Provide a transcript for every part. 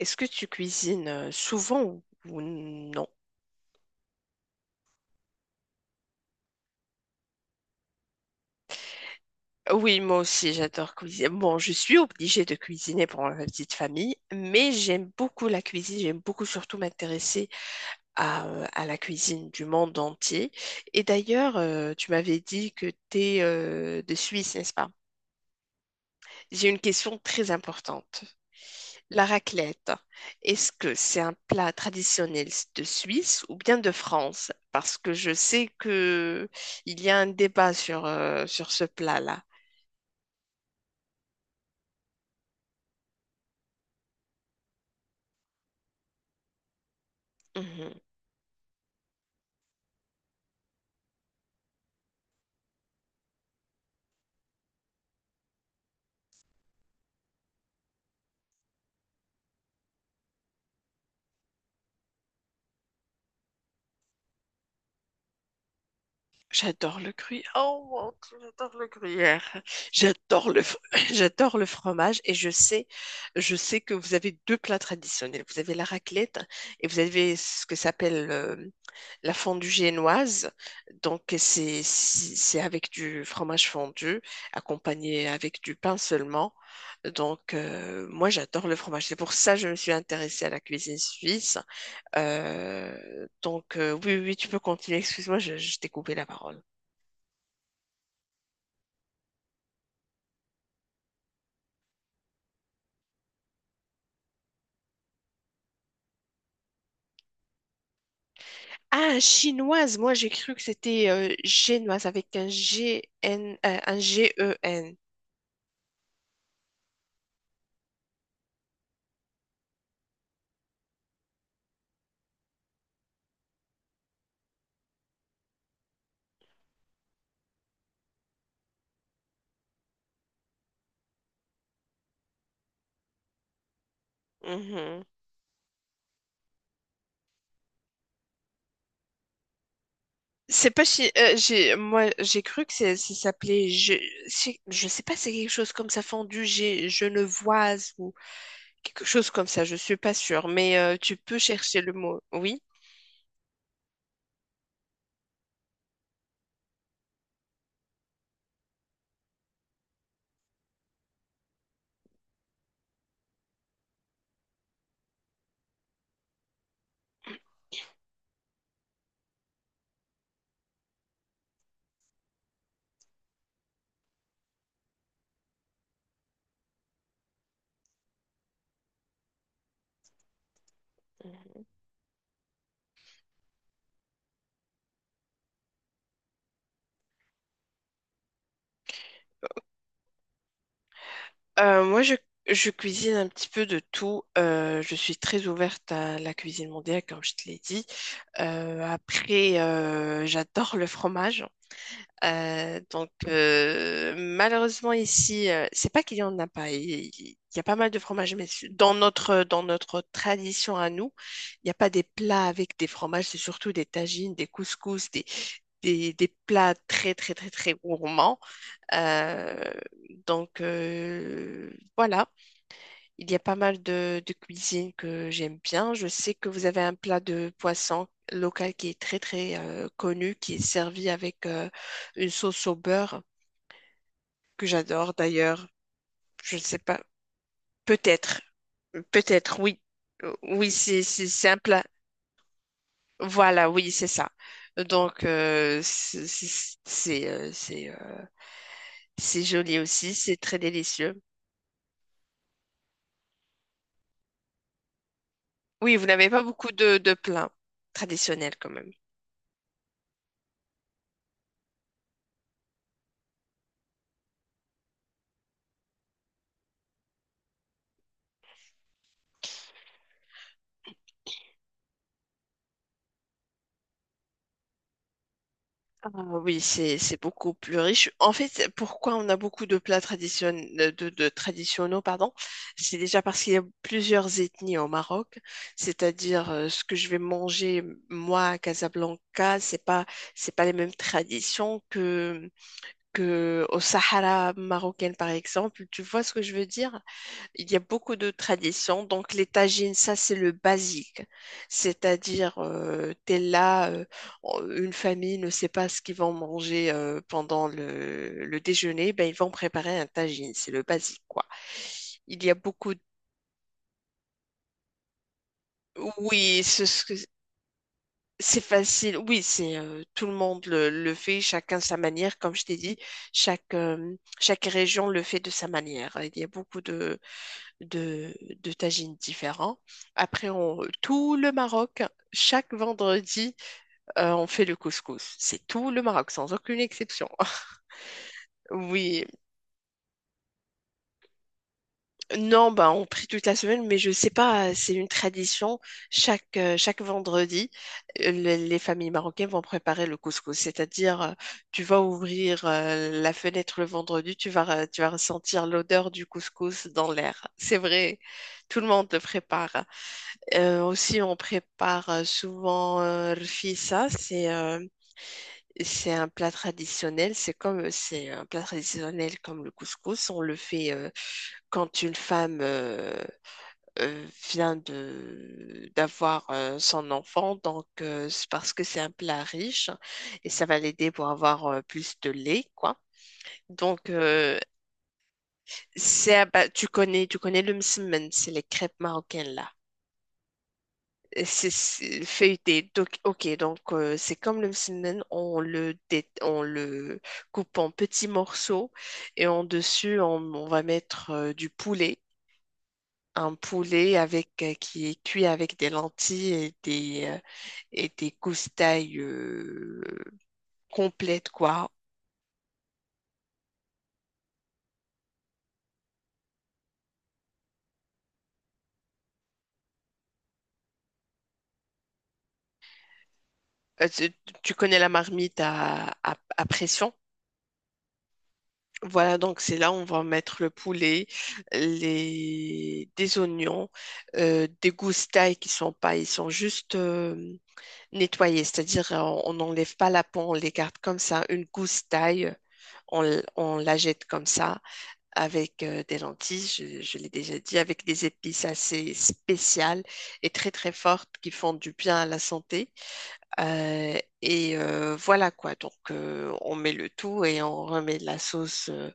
Est-ce que tu cuisines souvent ou non? Oui, moi aussi, j'adore cuisiner. Bon, je suis obligée de cuisiner pour ma petite famille, mais j'aime beaucoup la cuisine. J'aime beaucoup surtout m'intéresser à la cuisine du monde entier. Et d'ailleurs, tu m'avais dit que tu es de Suisse, n'est-ce pas? J'ai une question très importante. La raclette, est-ce que c'est un plat traditionnel de Suisse ou bien de France? Parce que je sais que il y a un débat sur ce plat-là. J'adore le gruyère. Oh mon Dieu, j'adore le gruyère. J'adore le, fr- J'adore le fromage et je sais que vous avez deux plats traditionnels. Vous avez la raclette et vous avez ce que s'appelle la fondue génoise. Donc c'est avec du fromage fondu accompagné avec du pain seulement. Donc, moi j'adore le fromage. C'est pour ça que je me suis intéressée à la cuisine suisse. Donc, oui, oui, oui, tu peux continuer. Excuse-moi, je t'ai coupé la parole. Ah, chinoise, moi j'ai cru que c'était génoise avec un G N un GEN. Mhm. C'est pas j'ai moi j'ai cru que c'est ça s'appelait, je sais pas, c'est quelque chose comme ça, fondu G genevoise ou quelque chose comme ça, je suis pas sûre, mais tu peux chercher le mot. Oui. Moi, je cuisine un petit peu de tout. Je suis très ouverte à la cuisine mondiale, comme je te l'ai dit. Après, j'adore le fromage. Donc, malheureusement ici, c'est pas qu'il y en a pas. Y a pas mal de fromages, mais dans notre tradition à nous, il n'y a pas des plats avec des fromages. C'est surtout des tagines, des couscous, des plats très très très très gourmands. Euh, donc, voilà. Il y a pas mal de cuisine que j'aime bien. Je sais que vous avez un plat de poisson local qui est très très connu, qui est servi avec une sauce au beurre que j'adore d'ailleurs. Je ne sais pas, peut-être, peut-être, oui. Oui, c'est c'est un plat. Voilà, oui, c'est ça. Donc, c'est euh, c'est, euh, c'est joli aussi, c'est très délicieux. Oui, vous n'avez pas beaucoup de plats traditionnels quand même. Ah oui, c'est beaucoup plus riche. En fait, pourquoi on a beaucoup de plats traditionnels, de traditionnels, pardon, c'est déjà parce qu'il y a plusieurs ethnies au Maroc. C'est-à-dire, ce que je vais manger moi à Casablanca, c'est pas les mêmes traditions que au Sahara marocain, par exemple. Tu vois ce que je veux dire? Il y a beaucoup de traditions. Donc, les tagines, ça, c'est le basique. C'est-à-dire, t'es là, une famille ne sait pas ce qu'ils vont manger pendant le déjeuner, ben, ils vont préparer un tagine. C'est le basique, quoi. Il y a beaucoup de... Oui, c'est facile. Oui, c'est, tout le monde le fait, chacun sa manière. Comme je t'ai dit, chaque région le fait de sa manière. Il y a beaucoup de, de tagines différents. Après, tout le Maroc, chaque vendredi, on fait le couscous. C'est tout le Maroc, sans aucune exception. Oui, non, bah, on prie toute la semaine, mais je sais pas, c'est une tradition. Chaque vendredi, les familles marocaines vont préparer le couscous. C'est-à-dire, tu vas ouvrir la fenêtre le vendredi, tu vas ressentir l'odeur du couscous dans l'air. C'est vrai, tout le monde le prépare. Aussi, on prépare souvent rfissa, c'est, c'est un plat traditionnel, c'est comme, c'est un plat traditionnel comme le couscous, on le fait quand une femme, vient de d'avoir son enfant, donc, c'est parce que c'est un plat riche et ça va l'aider pour avoir plus de lait, quoi. Donc, tu connais le msemen, c'est les crêpes marocaines là. C'est feuilleté. Donc, ok, c'est comme le msemen, on le coupe en petits morceaux et en dessus, on va mettre du poulet. Un poulet avec, qui est cuit avec des lentilles et des goustailles complètes, quoi. Euh, tu, tu connais la marmite à pression? Voilà, donc c'est là où on va mettre le poulet, des oignons, des goustailles qui sont pas, ils sont juste nettoyés, c'est-à-dire, on n'enlève pas la peau, on les garde comme ça. Une goustaille, on la jette comme ça avec des lentilles, je l'ai déjà dit, avec des épices assez spéciales et très très fortes qui font du bien à la santé. Et voilà, quoi, donc, on met le tout et on remet de la sauce,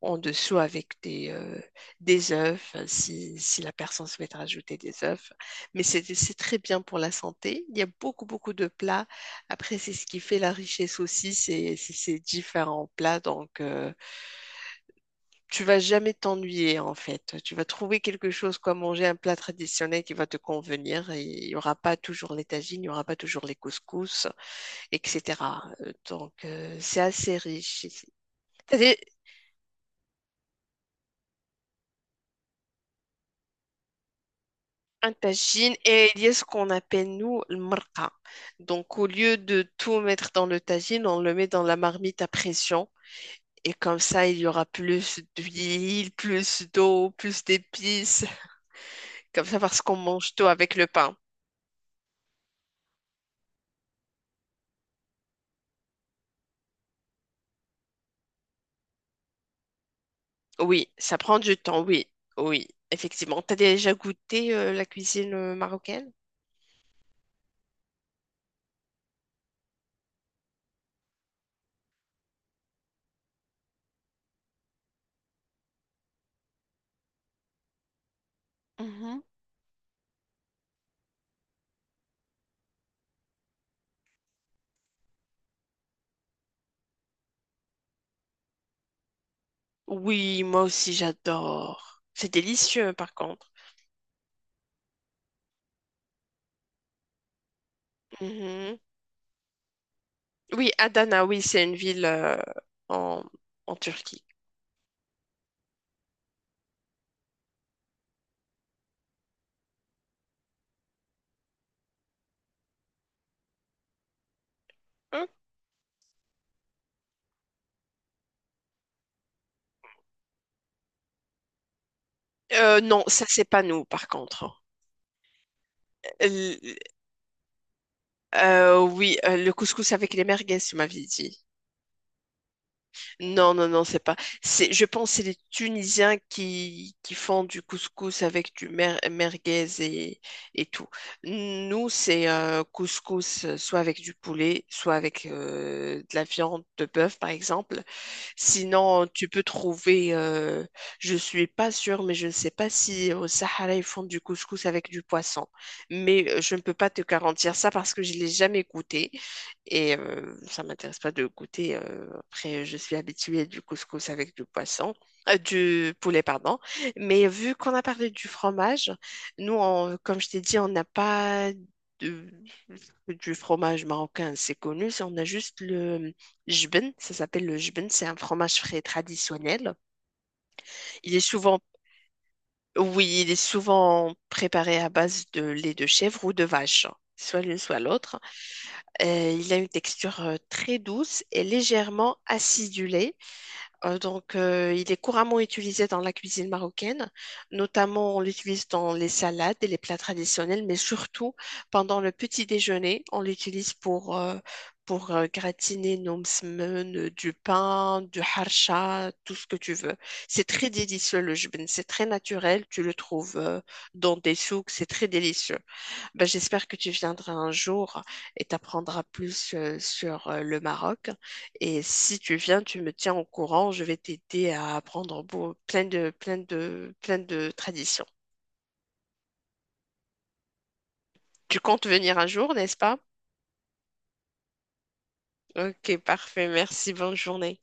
en dessous avec des œufs, enfin, si la personne souhaite rajouter des œufs. Mais c'est très bien pour la santé. Il y a beaucoup, beaucoup de plats. Après, c'est ce qui fait la richesse aussi, c'est ces différents plats. Donc, tu vas jamais t'ennuyer, en fait. Tu vas trouver quelque chose, quoi, manger un plat traditionnel qui va te convenir. Et il n'y aura pas toujours les tagines, il n'y aura pas toujours les couscous, etc. Donc, c'est assez riche ici. T'as dé- Un tagine et il y a ce qu'on appelle nous le marqa. Donc au lieu de tout mettre dans le tagine, on le met dans la marmite à pression et comme ça il y aura plus d'huile, plus d'eau, plus d'épices, comme ça parce qu'on mange tout avec le pain. Oui, ça prend du temps, oui, oui, effectivement. T'as déjà goûté la cuisine marocaine? Mhm. Oui, moi aussi j'adore. C'est délicieux par contre. Mhm. Oui, Adana, oui, c'est une ville, en en Turquie. Hum, non, ça c'est pas nous par contre. L- oui, le couscous avec les merguez, tu m'avais dit. Non, non, non, c'est pas. Je pense que c'est les Tunisiens qui font du couscous avec du merguez et tout. Nous, c'est, couscous, soit avec du poulet, soit avec de la viande de bœuf par exemple. Sinon, tu peux trouver, je suis pas sûre, mais je ne sais pas si au Sahara, ils font du couscous avec du poisson. Mais je ne peux pas te garantir ça parce que je l'ai jamais goûté. Et ça m'intéresse pas de goûter. Après, je suis habituée du couscous avec du poisson, du poulet, pardon. Mais vu qu'on a parlé du fromage, nous, comme je t'ai dit, on n'a pas de- du fromage marocain, c'est connu. On a juste le jubin, ça s'appelle le jubin, c'est un fromage frais traditionnel. Il est souvent, oui, il est souvent préparé à base de lait de chèvre ou de vache, soit l'une soit l'autre. Il a une texture, très douce et légèrement acidulée. Donc, il est couramment utilisé dans la cuisine marocaine, notamment on l'utilise dans les salades et les plats traditionnels, mais surtout pendant le petit déjeuner, on l'utilise pour gratiner nos msemen, du pain, du harcha, tout ce que tu veux. C'est très délicieux le jbin, c'est très naturel, tu le trouves dans des souks, c'est très délicieux. Ben, j'espère que tu viendras un jour et t'apprendras plus sur le Maroc. Et si tu viens, tu me tiens au courant. Je vais t'aider à apprendre plein de traditions. Tu comptes venir un jour, n'est-ce pas? Ok, parfait. Merci. Bonne journée.